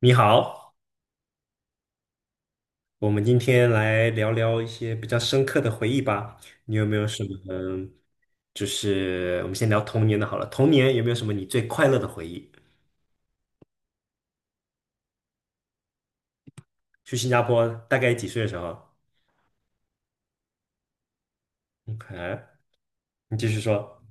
你好，我们今天来聊聊一些比较深刻的回忆吧。你有没有什么？嗯就是我们先聊童年的好了。童年有没有什么你最快乐的回忆？去新加坡大概几岁的时候？OK，你继续说。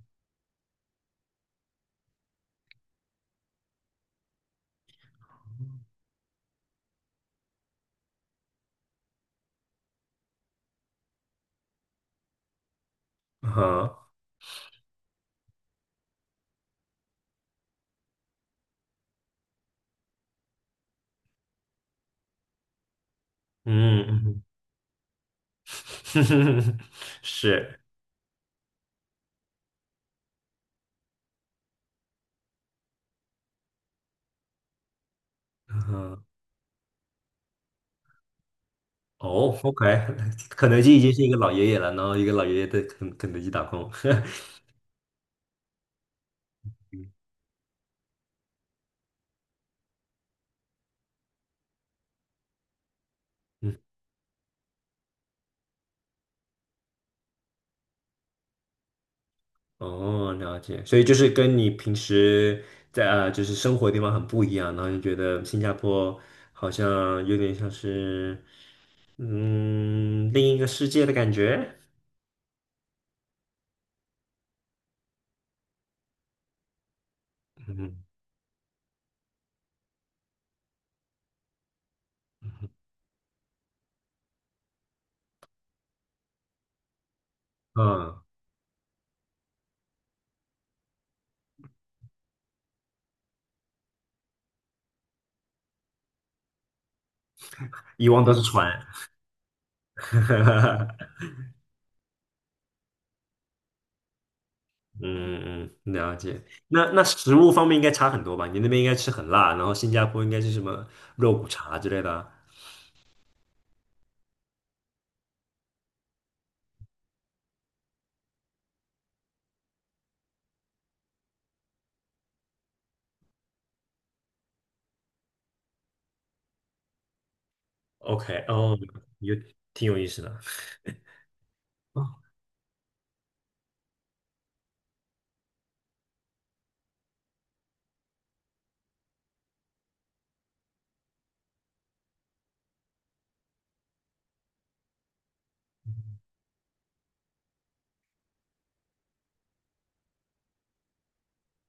嗯哼，嗯，嗯 是，嗯哼，哦，OK，肯德基已经是一个老爷爷了，然后一个老爷爷在肯德基打工。嗯。哦，了解，所以就是跟你平时在啊，就是生活的地方很不一样，然后就觉得新加坡好像有点像是另一个世界的感觉，嗯嗯，以往都是船，嗯嗯，了解。那食物方面应该差很多吧？你那边应该吃很辣，然后新加坡应该是什么肉骨茶之类的 o k 哦，有挺有意思的，哦，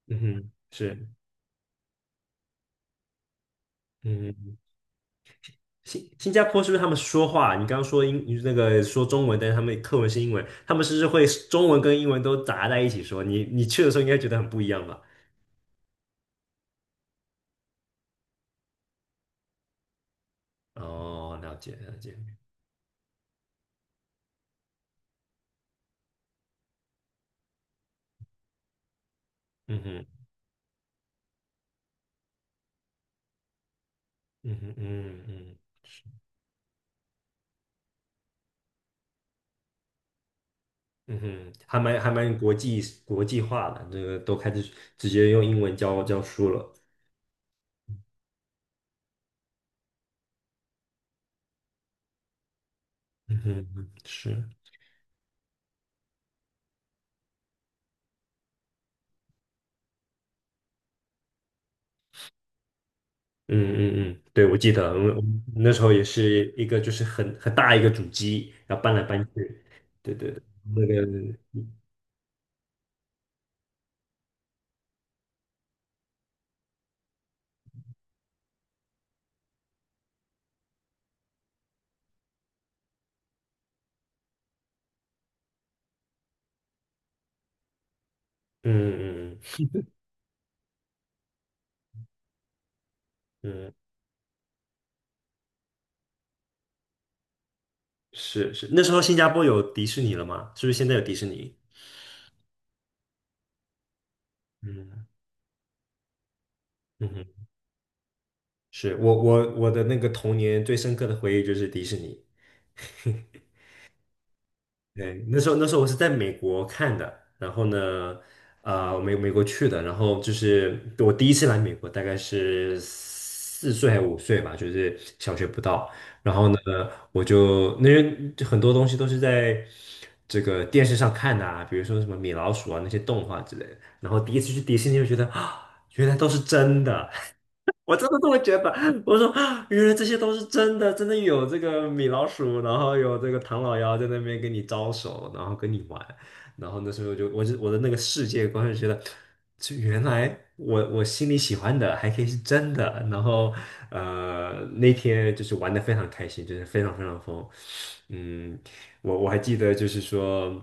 嗯哼，是，嗯。新加坡是不是他们说话？你刚刚说英那个说中文，但是他们课文是英文，他们是不是会中文跟英文都杂在一起说？你去的时候应该觉得很不一样吧？哦，了解了解，嗯哼嗯哼嗯嗯嗯哼，还蛮国际化的，这个都开始直接用英文教书了。嗯哼，是，嗯嗯嗯，对，我记得，我们那时候也是一个就是很大一个主机，然后搬来搬去，对对对，嗯嗯嗯。嗯，是是，那时候新加坡有迪士尼了吗？是不是现在有迪士尼？嗯嗯哼，是我的那个童年最深刻的回忆就是迪士尼。对，那时候我是在美国看的，然后呢，啊、我美国去的，然后就是我第一次来美国，大概是4岁还5岁吧，就是小学不到。然后呢，我就那些就很多东西都是在这个电视上看的啊，比如说什么米老鼠啊那些动画之类的。然后第一次去迪士尼，就觉得啊，原来都是真的。我真的这么觉得。我说啊原来这些都是真的，真的有这个米老鼠，然后有这个唐老鸭在那边跟你招手，然后跟你玩。然后那时候就，我的那个世界观就觉得，就原来我心里喜欢的还可以是真的。然后那天就是玩的非常开心，就是非常非常疯。嗯，我还记得就是说。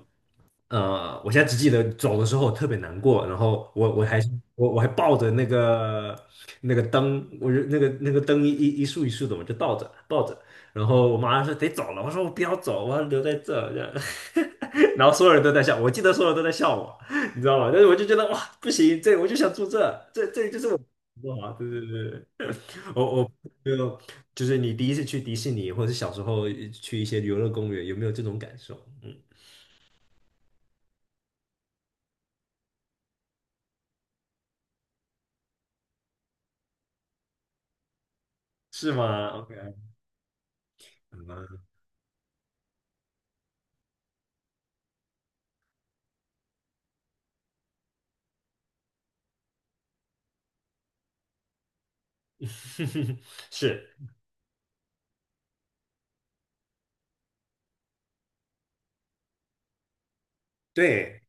我现在只记得走的时候特别难过，然后我我还抱着那个灯，我就那个灯一束一束的，我就倒着抱着，然后我妈说得走了，我说我不要走，我要留在这，这样，然后所有人都在笑，我记得所有人都在笑我，你知道吗？但是我就觉得哇，不行，这我就想住这，这就是我。哇，对对对，对 我我就就是你第一次去迪士尼，或者是小时候去一些游乐公园，有没有这种感受？嗯，是吗？OK。嗯，是，对，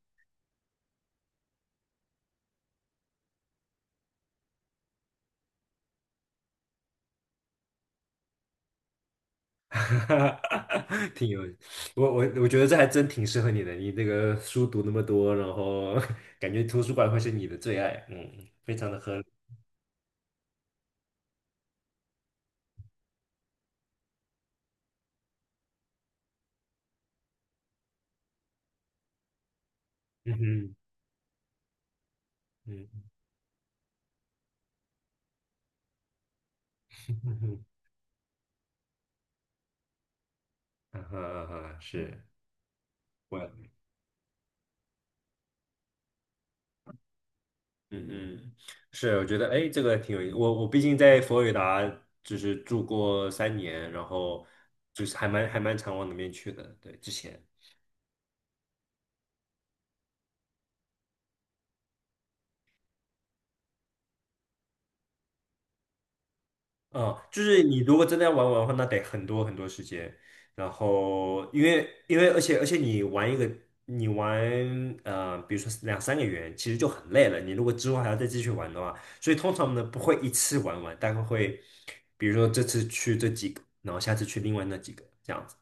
挺有，我觉得这还真挺适合你的。你这个书读那么多，然后 感觉图书馆会是你的最爱，非常的合理。嗯哼，嗯 嗯哼，啊哈啊哈，是我，嗯嗯，是，我觉得哎，这个挺有意思。我毕竟在佛罗里达就是住过3年，然后就是还蛮常往那边去的，对，之前。嗯，就是你如果真的要玩玩的话，那得很多很多时间。然后，因为而且你玩一个，你玩比如说两三个月，其实就很累了。你如果之后还要再继续玩的话，所以通常呢不会一次玩完，大概会，比如说这次去这几个，然后下次去另外那几个，这样子。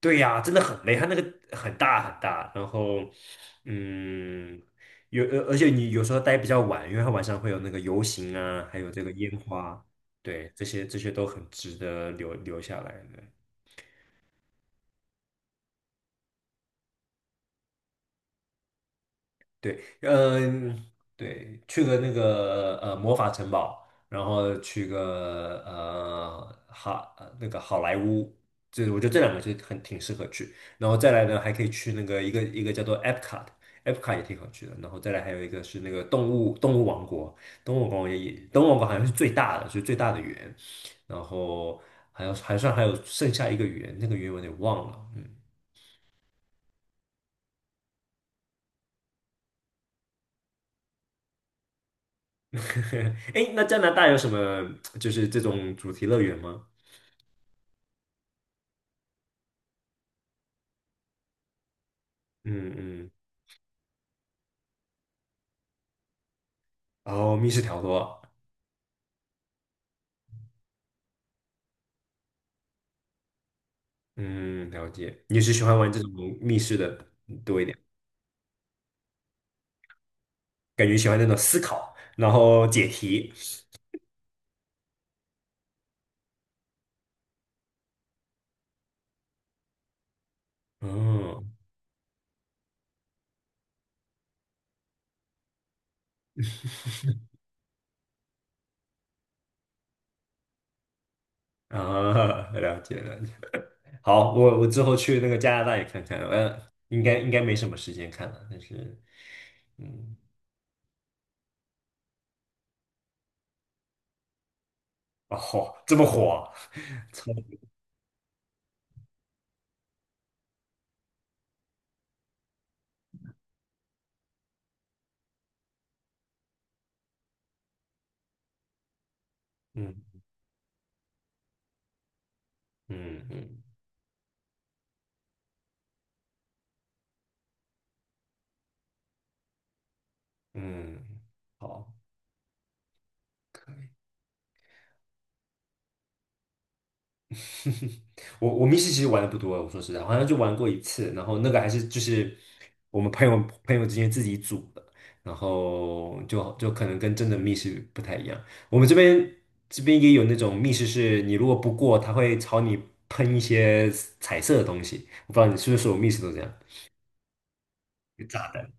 对呀，真的很累，它那个很大很大，然后，嗯，有，而且你有时候待比较晚，因为它晚上会有那个游行啊，还有这个烟花，对，这些都很值得留下来的。对，嗯，对，去个魔法城堡，然后去个好莱坞，这我觉得这两个就很挺适合去。然后再来呢，还可以去那个一个叫做 e p c o t e p c o 也挺好去的。然后再来还有一个是那个动物王国，动物王国也动物王国好像是最大的，园。然后还有剩下一个园，那个园我有点忘了。嗯，哎，那加拿大有什么就是这种主题乐园吗？嗯嗯，然后密室逃脱，嗯，了解。你是喜欢玩这种密室的多一点，感觉喜欢那种思考，然后解题。嗯啊，了解了解。好，我之后去那个加拿大也看看，应该没什么时间看了，但是嗯，哦，这么火啊，超，嗯嗯嗯嗯，好。可以。我密室其实玩的不多，我说实在，我好像就玩过一次，然后那个还是就是我们朋友之间自己组的，然后就可能跟真的密室不太一样。我们这边也有那种密室，是你如果不过，他会朝你喷一些彩色的东西。我不知道你是不是所有密室都这样，炸弹。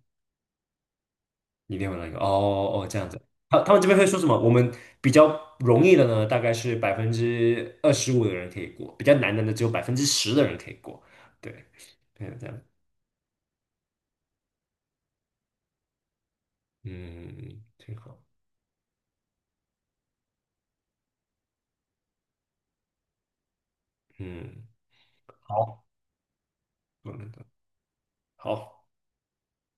一定有一个哦哦这样子。他们这边会说什么？我们比较容易的呢，大概是25%的人可以过，比较难的呢，只有10%的人可以过。对，对，这样，嗯，挺好，嗯，好，我们的好，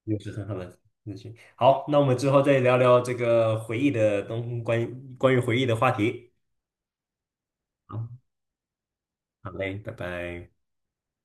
又是很好的事情。好，那我们之后再聊聊这个回忆的东关于关于回忆的话题。好，好嘞，拜拜。